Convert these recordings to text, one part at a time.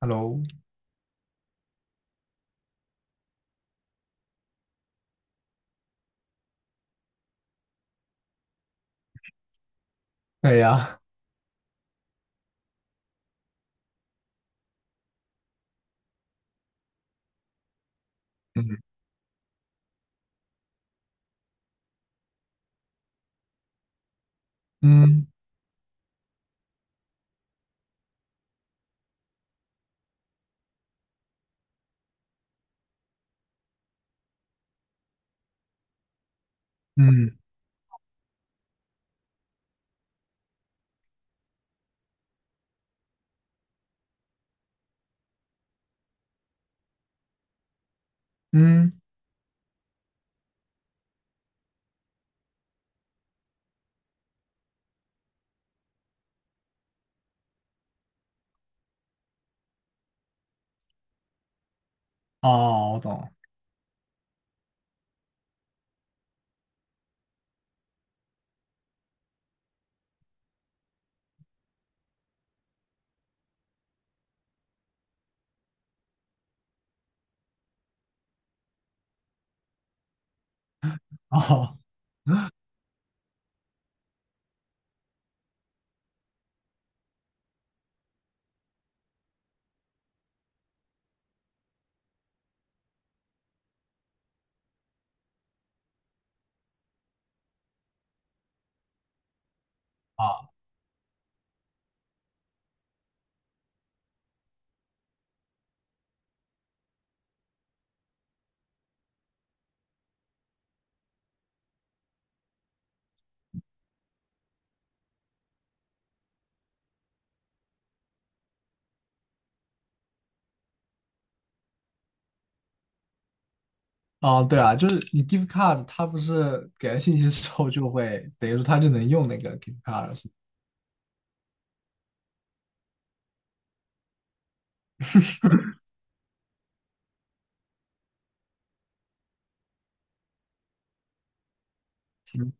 Hello，对呀，嗯嗯嗯嗯，哦，我懂。哦哦哦，对啊，就是你 gift card，它不是给了信息之后就会，等于说它就能用那个 gift card 了是是。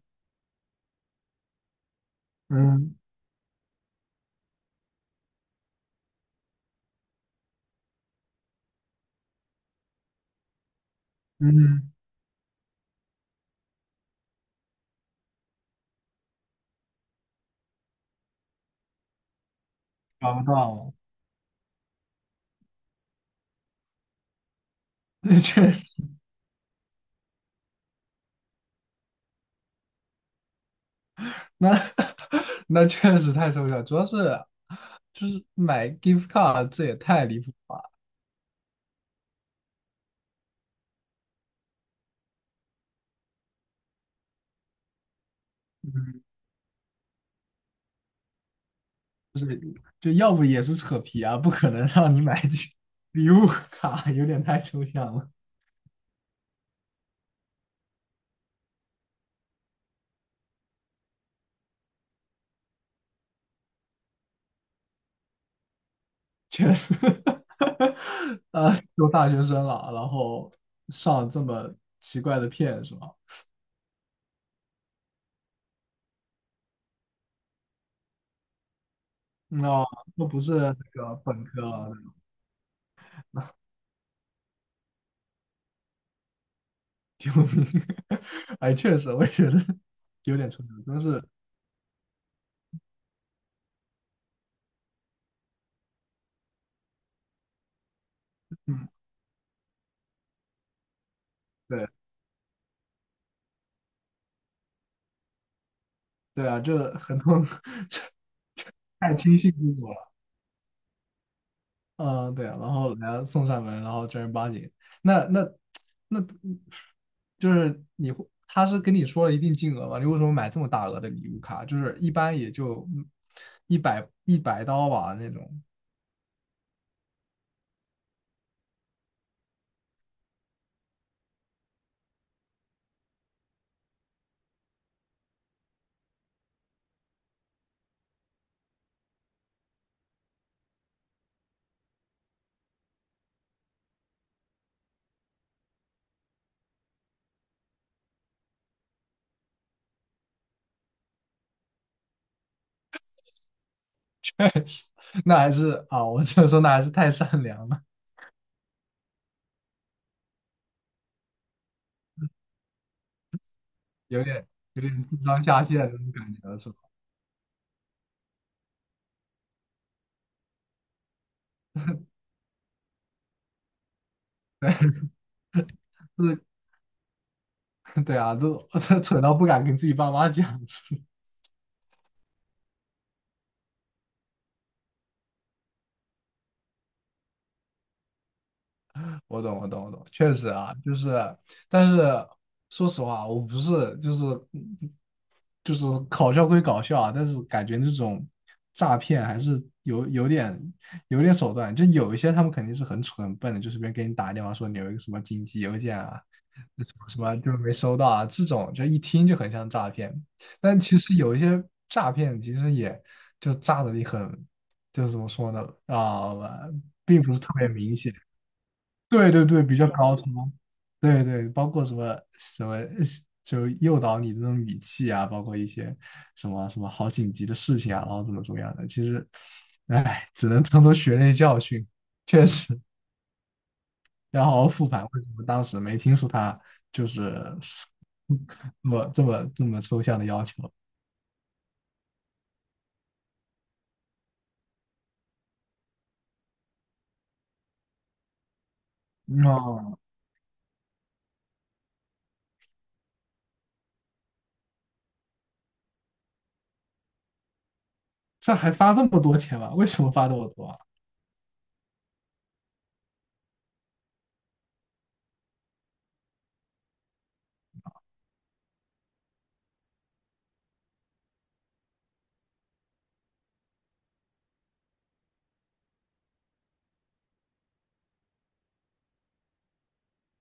嗯嗯嗯，搞不到。 那确实，那 那确实太抽象，主要是就是买 gift card 这也太离谱了吧。嗯，就是就要不也是扯皮啊，不可能让你买起礼物卡，有点太抽象了。确实，都大学生了，然后上这么奇怪的骗是吧？那都不是那个本科了。救命！哎，确实，我也觉得有点抽象，但是，嗯，对对啊，这很多。 太轻信自我了。嗯，对啊，然后人家送上门，然后正儿八经，那那那，就是你会，他是跟你说了一定金额嘛？你为什么买这么大额的礼物卡？就是一般也就一百刀吧那种。确实，那还是啊，我只能说那还是太善良了，有点有点智商下线的那种感觉了，是吧？就是对啊，就 蠢到不敢跟自己爸妈讲，是吧？我懂，我懂，我懂，确实啊，就是，但是说实话，我不是就是搞笑归搞笑啊，但是感觉那种诈骗还是有有点手段，就有一些他们肯定是很蠢很笨的，就随便给你打个电话说你有一个什么紧急邮件啊，什么什么就是没收到啊，这种就一听就很像诈骗，但其实有一些诈骗其实也就诈的你很，就是怎么说呢啊、并不是特别明显。对对对，比较高超，对对，包括什么什么，就诱导你的那种语气啊，包括一些什么什么好紧急的事情啊，然后怎么怎么样的，其实，唉，只能当做血泪教训，确实要好好复盘，为什么当时没听出他就是这么这么这么抽象的要求？哦，这还发这么多钱吗？为什么发这么多啊？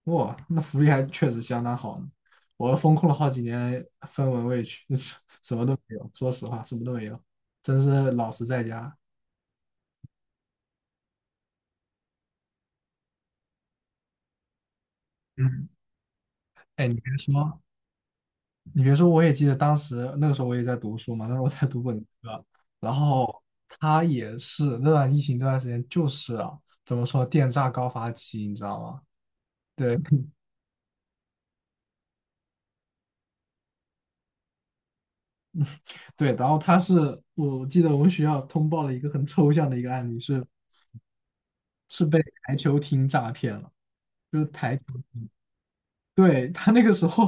哇，那福利还确实相当好呢。我风控了好几年，分文未取，什么都没有。说实话，什么都没有，真是老实在家。嗯，哎，你别说，你别说，我也记得当时那个时候我也在读书嘛，那时候我在读本科，然后他也是那段疫情那段时间，就是啊，怎么说电诈高发期，你知道吗？对。 对，然后他是我记得我们学校通报了一个很抽象的一个案例，是被台球厅诈骗了。就是台。对，他那个时候，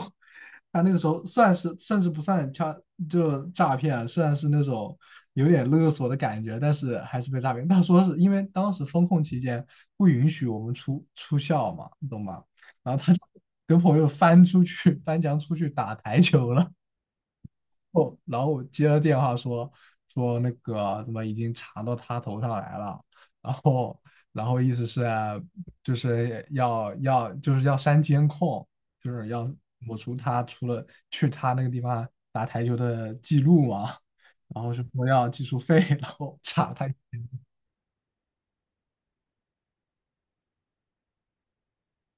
他那个时候算是甚至不算诈，就诈骗啊，虽然是那种有点勒索的感觉，但是还是被诈骗。他说是因为当时封控期间不允许我们出校嘛，你懂吗？然后他就跟朋友翻出去，翻墙出去打台球了。后，然后接了电话说，那个什么已经查到他头上来了，然后意思是啊就是要就是要删监控，就是要抹除他除了去他那个地方打台球的记录嘛。然后是说要技术费，然后查他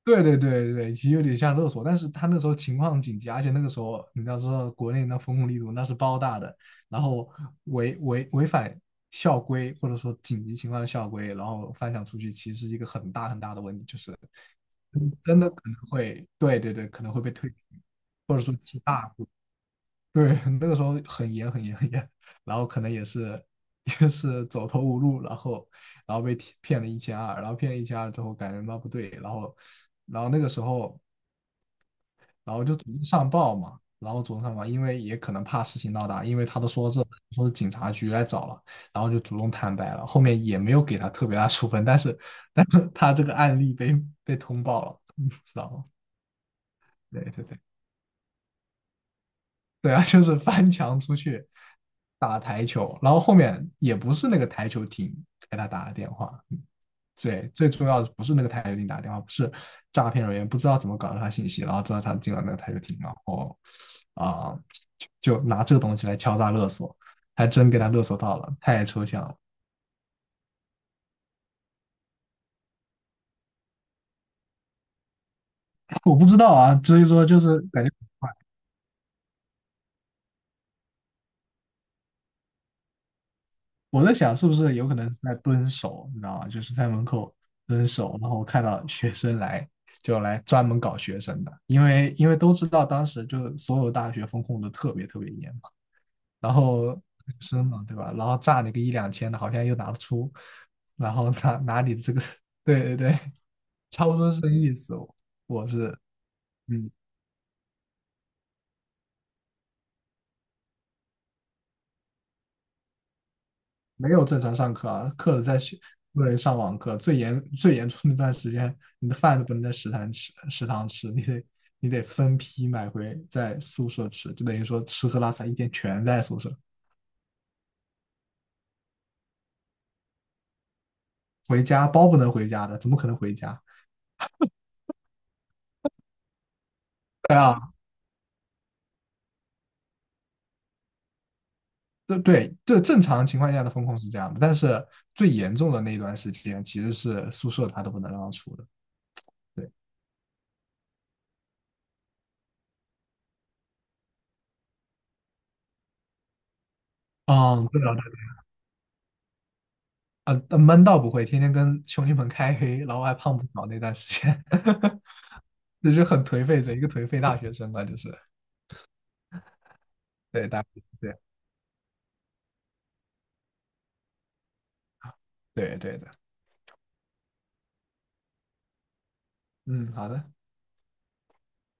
对对对对，其实有点像勒索，但是他那时候情况紧急，而且那个时候你要知道国内那风控力度那是包大的，然后违反校规或者说紧急情况的校规，然后翻墙出去，其实是一个很大很大的问题，就是真的可能会，对对对，可能会被退学，或者说极大。对，那个时候很严很严很严，然后可能也是 也是走投无路，然后被骗了一千二，然后骗了一千二之后感觉到不对，然后那个时候然后就主动上报嘛，然后主动上报，因为也可能怕事情闹大，因为他都说这说是警察局来找了，然后就主动坦白了，后面也没有给他特别大处分，但是他这个案例被通报了。然后对对对。对啊，就是翻墙出去打台球，然后后面也不是那个台球厅给他打的电话，对，最重要的不是那个台球厅打电话，不是诈骗人员不知道怎么搞到他信息，然后知道他进了那个台球厅，然后啊、就拿这个东西来敲诈勒索，还真给他勒索到了，太抽象了。我不知道啊，所以说就是感觉我在想是不是有可能是在蹲守，你知道吗？就是在门口蹲守，然后看到学生来，就来专门搞学生的，因为都知道当时就所有大学风控的特别特别严嘛，然后学生嘛，对吧？然后炸你个一两千的，好像又拿得出，然后拿你的这个，对对对，差不多是这个意思，我是嗯没有正常上课啊，课在学，不能上网课。最严重那段时间，你的饭都不能在食堂吃，你得分批买回在宿舍吃，就等于说吃喝拉撒一天全在宿舍。回家包不能回家的，怎么可能回家？对啊，对对，这正常情况下的风控是这样的，但是最严重的那一段时间，其实是宿舍他都不能让出的。对，嗯，对啊，对啊闷倒不会，天天跟兄弟们开黑，老外胖不少那段时间。这是很颓废的一个颓废大学生吧，就是对大对对对的，嗯，好的。